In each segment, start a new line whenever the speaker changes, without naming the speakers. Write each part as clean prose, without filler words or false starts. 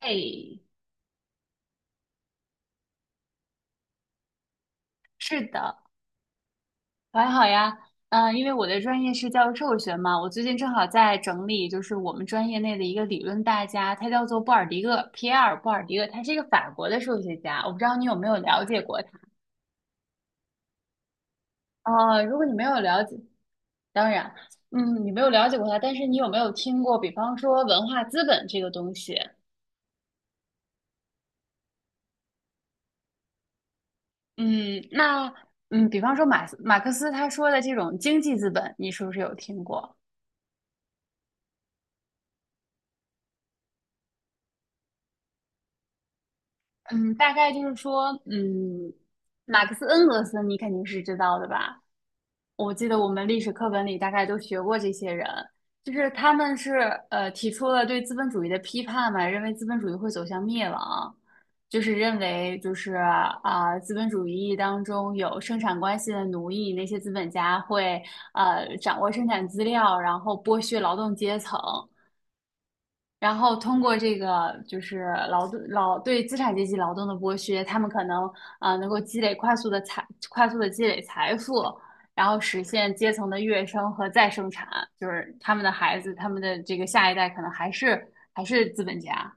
哎，是的，我还好呀。因为我的专业是教育社会学嘛，我最近正好在整理，就是我们专业内的一个理论大家，他叫做布尔迪厄，皮埃尔·布尔迪厄，他是一个法国的数学家。我不知道你有没有了解过他？哦，如果你没有了解，当然，嗯，你没有了解过他，但是你有没有听过，比方说文化资本这个东西？嗯，那嗯，比方说马克思他说的这种经济资本，你是不是有听过？嗯，大概就是说，嗯，马克思恩格斯你肯定是知道的吧？我记得我们历史课本里大概都学过这些人，就是他们是提出了对资本主义的批判嘛，认为资本主义会走向灭亡，就是认为资本主义当中有生产关系的奴役，那些资本家会掌握生产资料，然后剥削劳动阶层。然后通过这个就是劳动劳对资产阶级劳动的剥削，他们可能能够积累快速的积累财富，然后实现阶层的跃升和再生产，就是他们的孩子，他们的这个下一代可能还是资本家，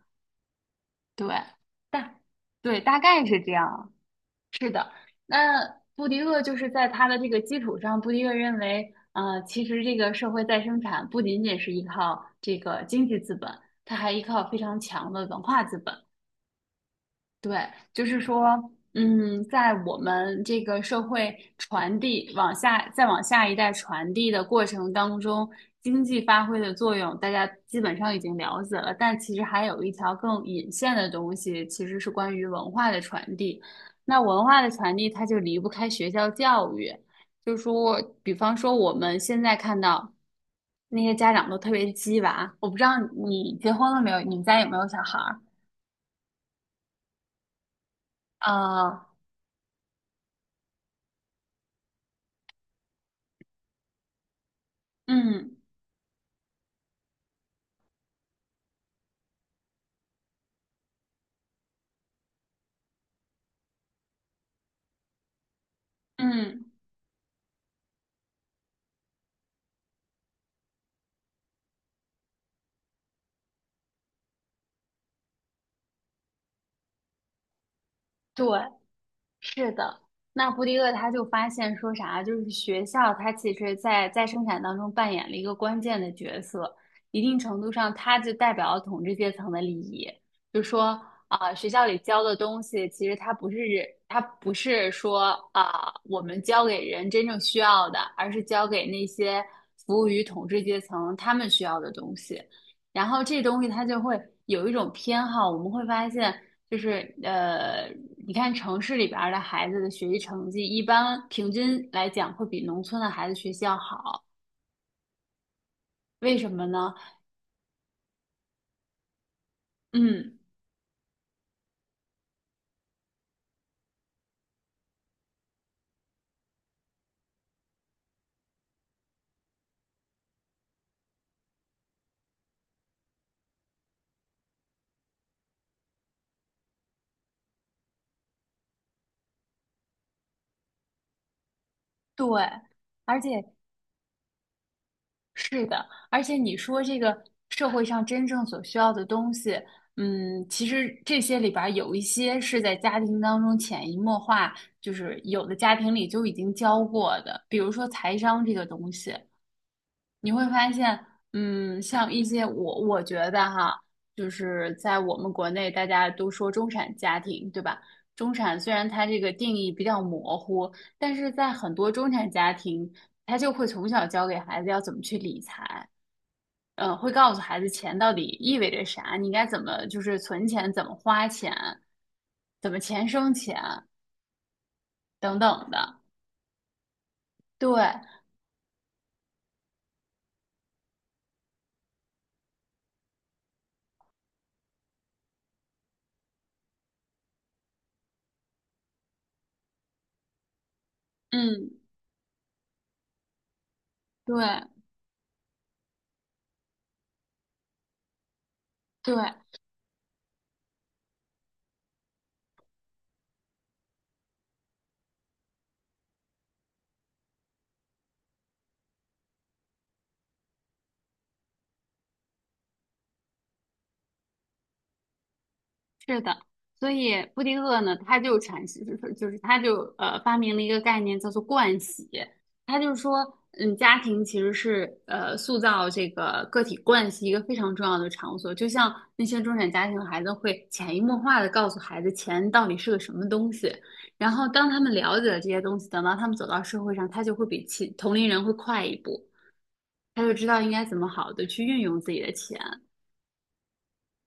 对，大对大概是这样。那布迪厄就是在他的这个基础上，布迪厄认为，其实这个社会再生产不仅仅是依靠这个经济资本，它还依靠非常强的文化资本。对，就是说，在我们这个社会传递往下，再往下一代传递的过程当中，经济发挥的作用，大家基本上已经了解了。但其实还有一条更隐线的东西，其实是关于文化的传递。那文化的传递，它就离不开学校教育。就是说，比方说我们现在看到那些家长都特别鸡娃，我不知道你结婚了没有，你们家有没有小孩儿？呃，嗯。嗯，对，是的。那布迪厄他就发现说啥，就是学校它其实在生产当中扮演了一个关键的角色，一定程度上它就代表了统治阶层的利益。就说学校里教的东西，其实它不是它不是说我们教给人真正需要的，而是教给那些服务于统治阶层他们需要的东西。然后这东西它就会有一种偏好，我们会发现，就是呃，你看城市里边儿的孩子的学习成绩，一般平均来讲会比农村的孩子学习要好，为什么呢？嗯，对，而且是的，而且你说这个社会上真正所需要的东西，其实这些里边儿有一些是在家庭当中潜移默化，就是有的家庭里就已经教过的，比如说财商这个东西。你会发现，像一些我觉得哈，就是在我们国内大家都说中产家庭，对吧？中产虽然它这个定义比较模糊，但是在很多中产家庭，他就会从小教给孩子要怎么去理财，嗯，会告诉孩子钱到底意味着啥，你应该怎么就是存钱，怎么花钱，怎么钱生钱等等的。对，嗯，对对。是的，所以布丁厄呢，他就阐释，就是他就发明了一个概念叫做惯习，他就说，嗯，家庭其实是塑造这个个体惯习一个非常重要的场所，就像那些中产家庭的孩子会潜移默化的告诉孩子钱到底是个什么东西，然后当他们了解了这些东西，等到他们走到社会上，他就会比其同龄人会快一步，他就知道应该怎么好的去运用自己的钱。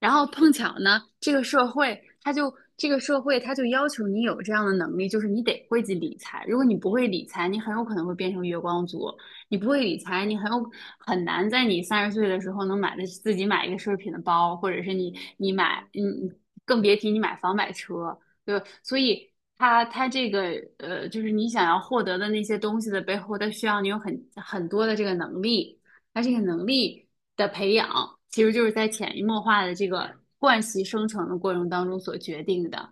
然后碰巧呢，这个社会它就要求你有这样的能力，就是你得会去理财。如果你不会理财，你很有可能会变成月光族。你不会理财，你很有很难在你30岁的时候能买的自己买一个奢侈品的包，或者是你你买嗯，你更别提你买房买车，对吧？所以它这个就是你想要获得的那些东西的背后，它需要你有很多的这个能力。它这个能力的培养，其实就是在潜移默化的这个惯习生成的过程当中所决定的。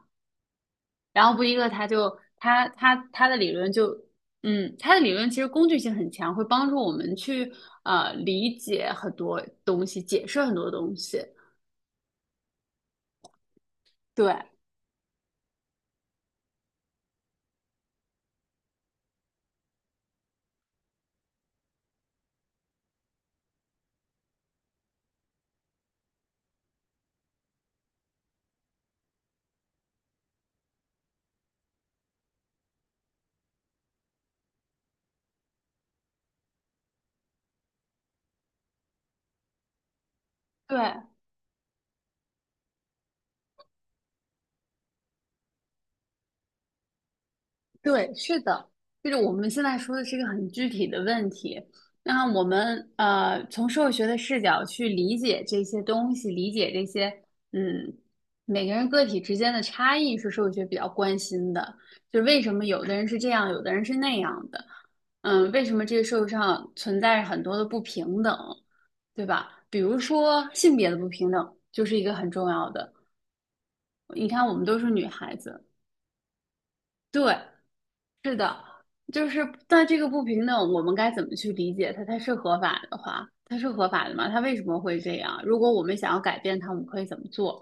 然后布迪克他就他他他的理论就，嗯，他的理论其实工具性很强，会帮助我们去理解很多东西，解释很多东西。对对，对，是的，就是我们现在说的是一个很具体的问题。那我们从社会学的视角去理解这些东西，理解这些嗯，每个人个体之间的差异是社会学比较关心的。就为什么有的人是这样，有的人是那样的？嗯，为什么这个社会上存在着很多的不平等，对吧？比如说性别的不平等就是一个很重要的。你看，我们都是女孩子，对。是的，就是在这个不平等，我们该怎么去理解它？它是合法的话，它是合法的吗？它为什么会这样？如果我们想要改变它，我们可以怎么做？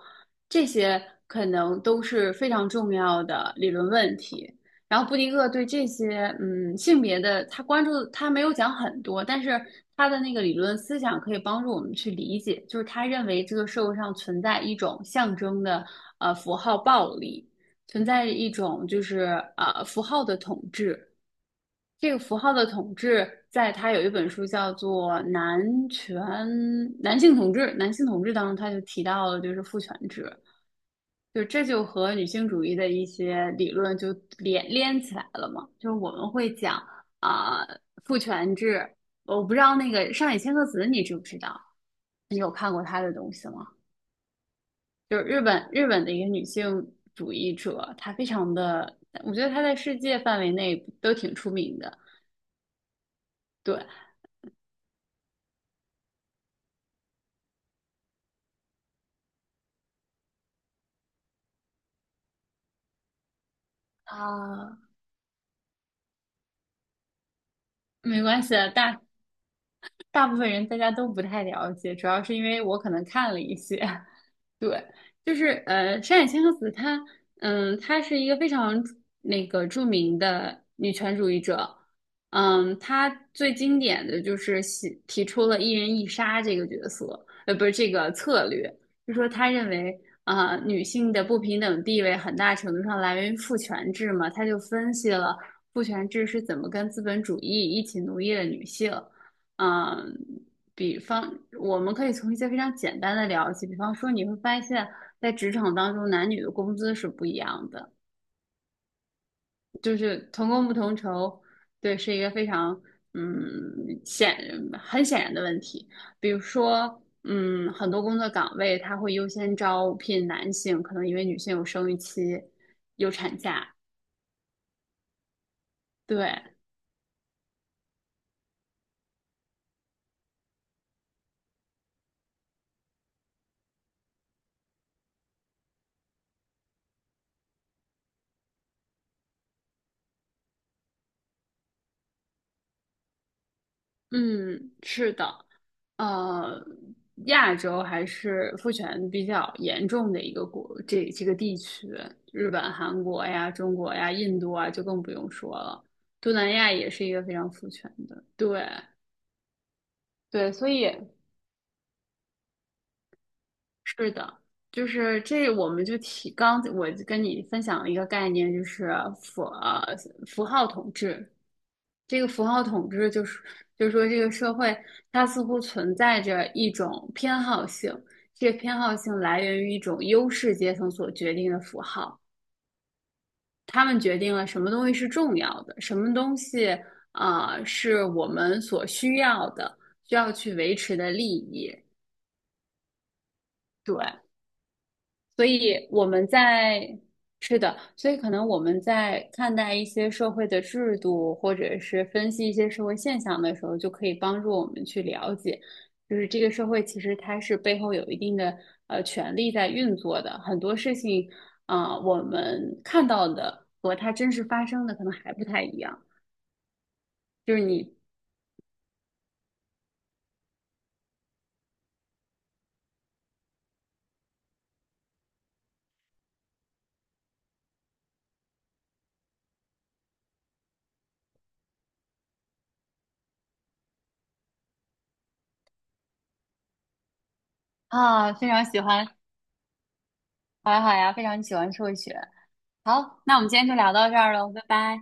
这些可能都是非常重要的理论问题。然后布迪厄对这些嗯性别的，他关注他没有讲很多，但是他的那个理论思想可以帮助我们去理解，就是他认为这个社会上存在一种象征的符号暴力。存在一种就是符号的统治。这个符号的统治，在他有一本书叫做男性统治》，男性统治当中他就提到了就是父权制，就这就和女性主义的一些理论就连起来了嘛。就是我们会讲父权制，我不知道那个上野千鹤子你知不知道？你有看过他的东西吗？就是日本的一个女性主义者，她非常的，我觉得她在世界范围内都挺出名的。对，啊，没关系啊，大部分人大家都不太了解，主要是因为我可能看了一些。对，就是山野千鹤子她，嗯，她是一个非常那个著名的女权主义者，嗯，她最经典的就是提出了"一人一杀"这个角色，不是这个策略，就说她认为女性的不平等地位很大程度上来源于父权制嘛，她就分析了父权制是怎么跟资本主义一起奴役了女性。嗯，比方，我们可以从一些非常简单的聊起，比方说你会发现在职场当中，男女的工资是不一样的，就是同工不同酬，对，是一个非常嗯显很显然的问题。比如说，很多工作岗位它会优先招聘男性，可能因为女性有生育期、有产假。对，嗯，是的。呃，亚洲还是父权比较严重的一个国，这个地区，日本、韩国呀、中国呀、印度啊，就更不用说了。东南亚也是一个非常父权的，对对，所以是的，就是这我们就提刚我跟你分享了一个概念，就是符呃符号统治，这个符号统治就是，就是说这个社会它似乎存在着一种偏好性，这个偏好性来源于一种优势阶层所决定的符号，他们决定了什么东西是重要的，什么东西啊，是我们所需要的，需要去维持的利益。对，所以我们在，是的，所以可能我们在看待一些社会的制度，或者是分析一些社会现象的时候，就可以帮助我们去了解，就是这个社会其实它是背后有一定的权力在运作的，很多事情啊，我们看到的和它真实发生的可能还不太一样。就是你啊，非常喜欢，好呀好呀，非常喜欢社会学。好，那我们今天就聊到这儿了，拜拜。